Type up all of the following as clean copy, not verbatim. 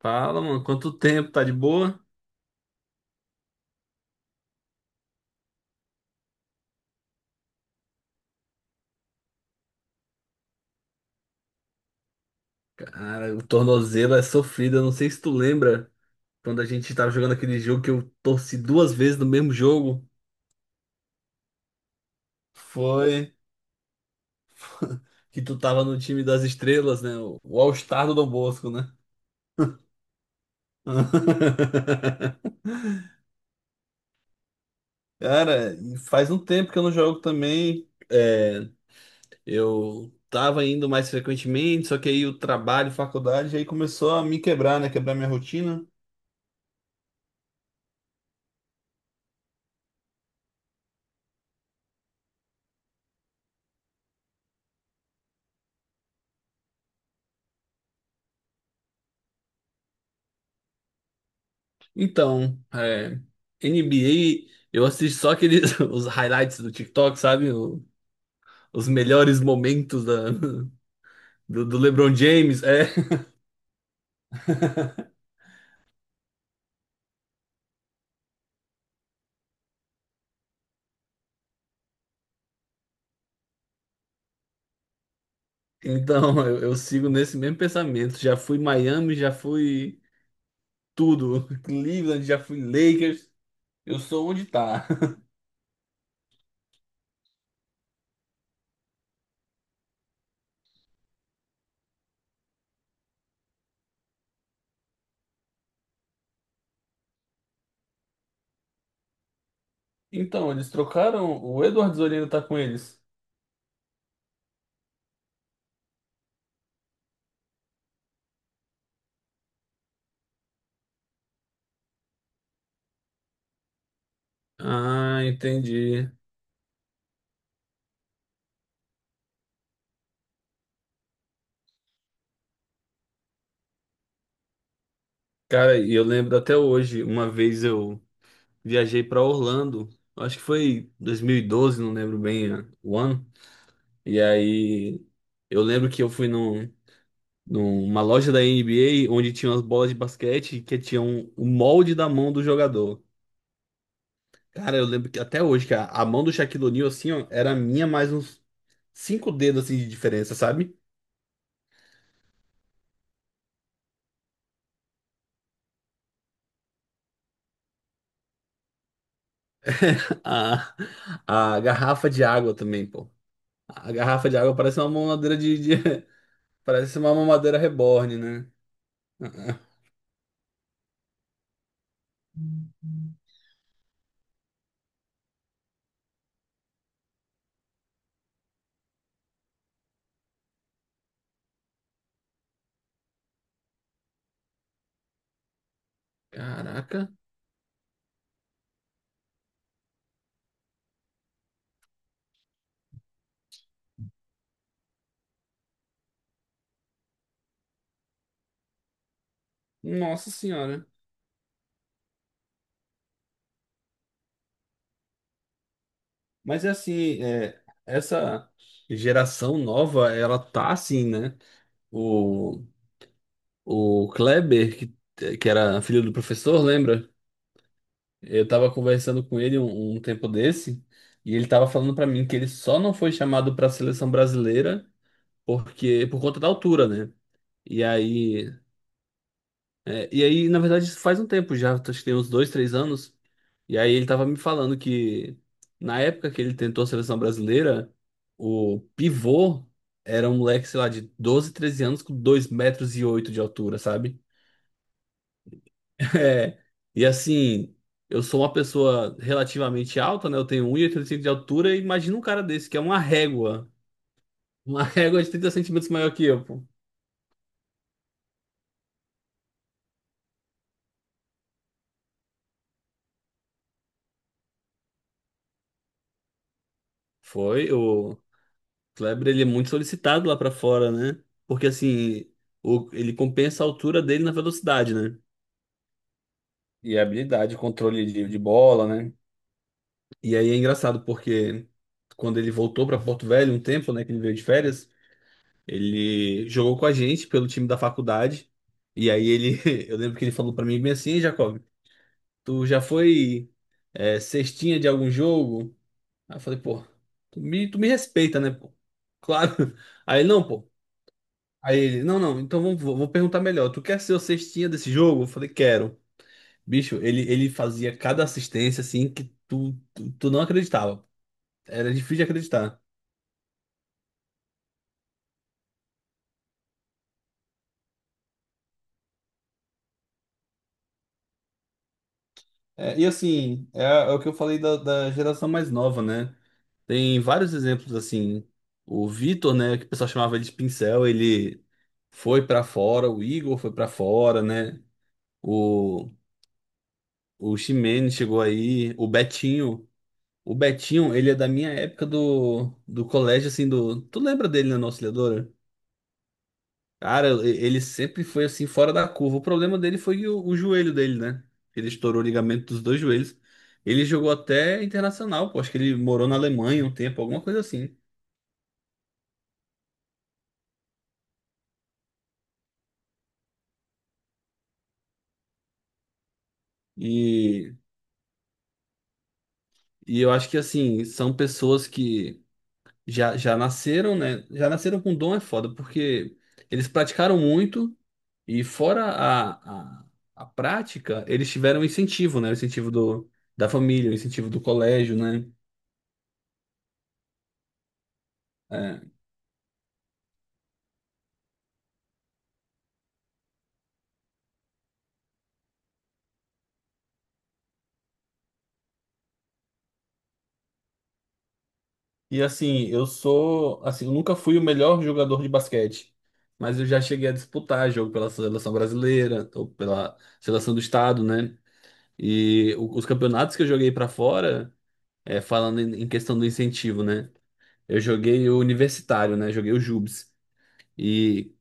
Fala, mano, quanto tempo? Tá de boa? Cara, o tornozelo é sofrido. Eu não sei se tu lembra quando a gente tava jogando aquele jogo que eu torci duas vezes no mesmo jogo. Foi que tu tava no time das estrelas, né? O All-Star do Dom Bosco, né? Cara, e faz um tempo que eu não jogo também. É, eu tava indo mais frequentemente, só que aí o trabalho, faculdade, aí começou a me quebrar, né? Quebrar minha rotina. Então, NBA, eu assisto só aqueles os highlights do TikTok, sabe? Os melhores momentos do LeBron James. É. Então, eu sigo nesse mesmo pensamento. Já fui Miami, já fui tudo. Cleveland, já fui Lakers. Eu sou onde tá. Então, eles trocaram. O Eduardo Zorino tá com eles. Ah, entendi. Cara, e eu lembro até hoje, uma vez eu viajei para Orlando. Acho que foi 2012, não lembro bem o ano. E aí eu lembro que eu fui numa loja da NBA onde tinha umas bolas de basquete que tinham o molde da mão do jogador. Cara, eu lembro que até hoje, que a mão do Shaquille O'Neal, assim, ó, era a minha mais uns cinco dedos assim de diferença, sabe? A, a garrafa de água também, pô. A garrafa de água parece uma mamadeira parece uma mamadeira reborn, né? Caraca. Nossa senhora. Mas é assim, essa geração nova, ela tá assim, né? O, o Kleber, que era filho do professor, lembra? Eu tava conversando com ele um tempo desse, e ele tava falando pra mim que ele só não foi chamado pra seleção brasileira porque por conta da altura, né? E aí, na verdade, isso faz um tempo já, acho que tem uns 2, 3 anos. E aí ele tava me falando que na época que ele tentou a seleção brasileira, o pivô era um moleque, sei lá, de 12, 13 anos com 2,08 m de altura, sabe? É. E assim, eu sou uma pessoa relativamente alta, né? Eu tenho um 1,85 de altura e imagina um cara desse, que é uma régua. Uma régua de 30 centímetros maior que eu, pô. Foi, o Kleber, ele é muito solicitado lá pra fora, né? Porque assim, ele compensa a altura dele na velocidade, né? E habilidade, controle de bola, né? E aí é engraçado porque quando ele voltou para Porto Velho um tempo, né, que ele veio de férias, ele jogou com a gente pelo time da faculdade. E aí ele, eu lembro que ele falou para mim bem assim, "Ei, Jacob, tu já foi cestinha de algum jogo? Aí eu falei, pô, tu me respeita, né, pô? Claro. Aí ele, não, pô. Aí ele, não, não, então vamos, vou perguntar melhor. Tu quer ser o cestinha desse jogo? Eu falei, quero. Bicho, ele fazia cada assistência assim que tu não acreditava. Era difícil de acreditar. É, e assim, é o que eu falei da geração mais nova, né? Tem vários exemplos assim. O Vitor, né, que o pessoal chamava ele de pincel, ele foi pra fora, o Igor foi pra fora, né? O, o Ximene chegou aí, o Betinho. O Betinho, ele é da minha época do colégio, assim, do. Tu lembra dele na nossa. Cara, ele sempre foi assim, fora da curva. O problema dele foi o joelho dele, né? Ele estourou o ligamento dos dois joelhos. Ele jogou até internacional, pô. Acho que ele morou na Alemanha um tempo, alguma coisa assim. E, e eu acho que, assim, são pessoas que já nasceram, né? Já nasceram com dom é foda, porque eles praticaram muito e, fora a, a prática, eles tiveram incentivo, né? O incentivo da família, o incentivo do colégio, né? É, E assim, eu sou, assim, eu nunca fui o melhor jogador de basquete, mas eu já cheguei a disputar jogo pela seleção brasileira ou pela seleção do estado, né? E os campeonatos que eu joguei pra fora, falando em questão do incentivo, né? Eu joguei o universitário, né? Joguei o JUBs. E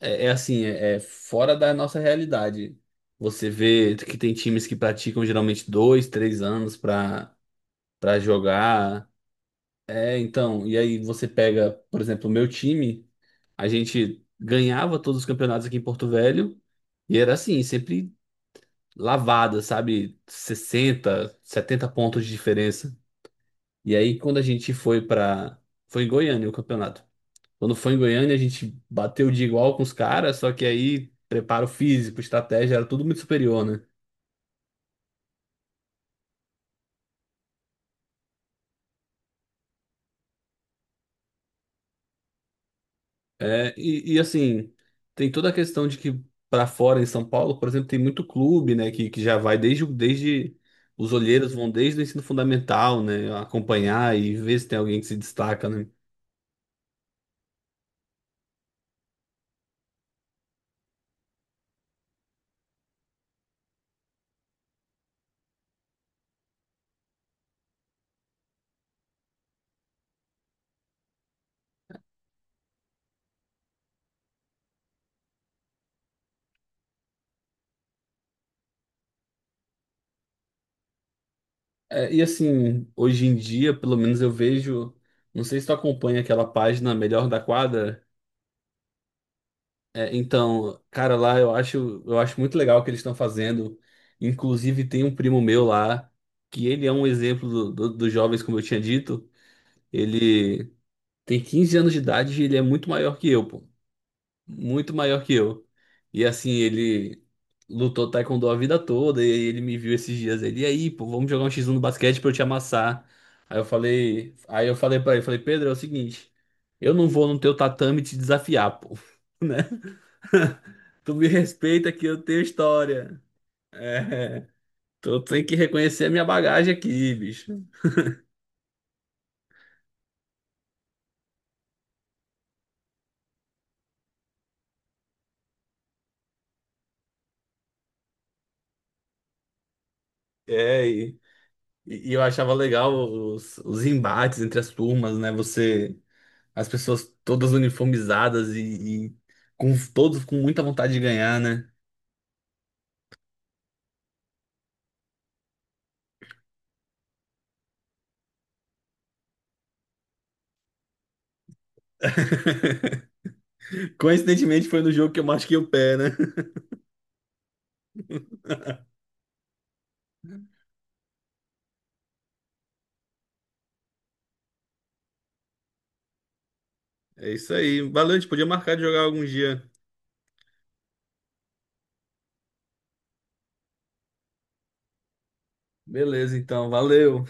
é assim, é fora da nossa realidade. Você vê que tem times que praticam geralmente dois, três anos pra para jogar. É, então, e aí você pega, por exemplo, o meu time, a gente ganhava todos os campeonatos aqui em Porto Velho e era assim, sempre lavada, sabe? 60, 70 pontos de diferença. E aí quando a gente foi pra. Foi em Goiânia o campeonato. Quando foi em Goiânia, a gente bateu de igual com os caras, só que aí preparo físico, estratégia, era tudo muito superior, né? É, assim, tem toda a questão de que para fora em São Paulo, por exemplo, tem muito clube, né, que já vai desde os olheiros vão desde o ensino fundamental, né, acompanhar e ver se tem alguém que se destaca, né? É, e assim, hoje em dia, pelo menos eu vejo, não sei se tu acompanha aquela página Melhor da Quadra. É, então, cara, lá eu acho muito legal o que eles estão fazendo. Inclusive, tem um primo meu lá, que ele é um exemplo dos jovens, como eu tinha dito. Ele tem 15 anos de idade e ele é muito maior que eu, pô. Muito maior que eu. E assim, ele lutou taekwondo a vida toda e aí ele me viu esses dias ele, e aí, pô, vamos jogar um X1 no basquete pra eu te amassar. Aí eu falei pra ele, falei, Pedro, é o seguinte, eu não vou no teu tatame te desafiar, pô, né? Tu me respeita que eu tenho história. É, tu tem que reconhecer a minha bagagem aqui, bicho. É, e eu achava legal os embates entre as turmas, né? Você As pessoas todas uniformizadas e com todos com muita vontade de ganhar, né? Coincidentemente foi no jogo que eu machuquei o pé, né? É isso aí. Valeu, a gente podia marcar de jogar algum dia. Beleza, então, valeu.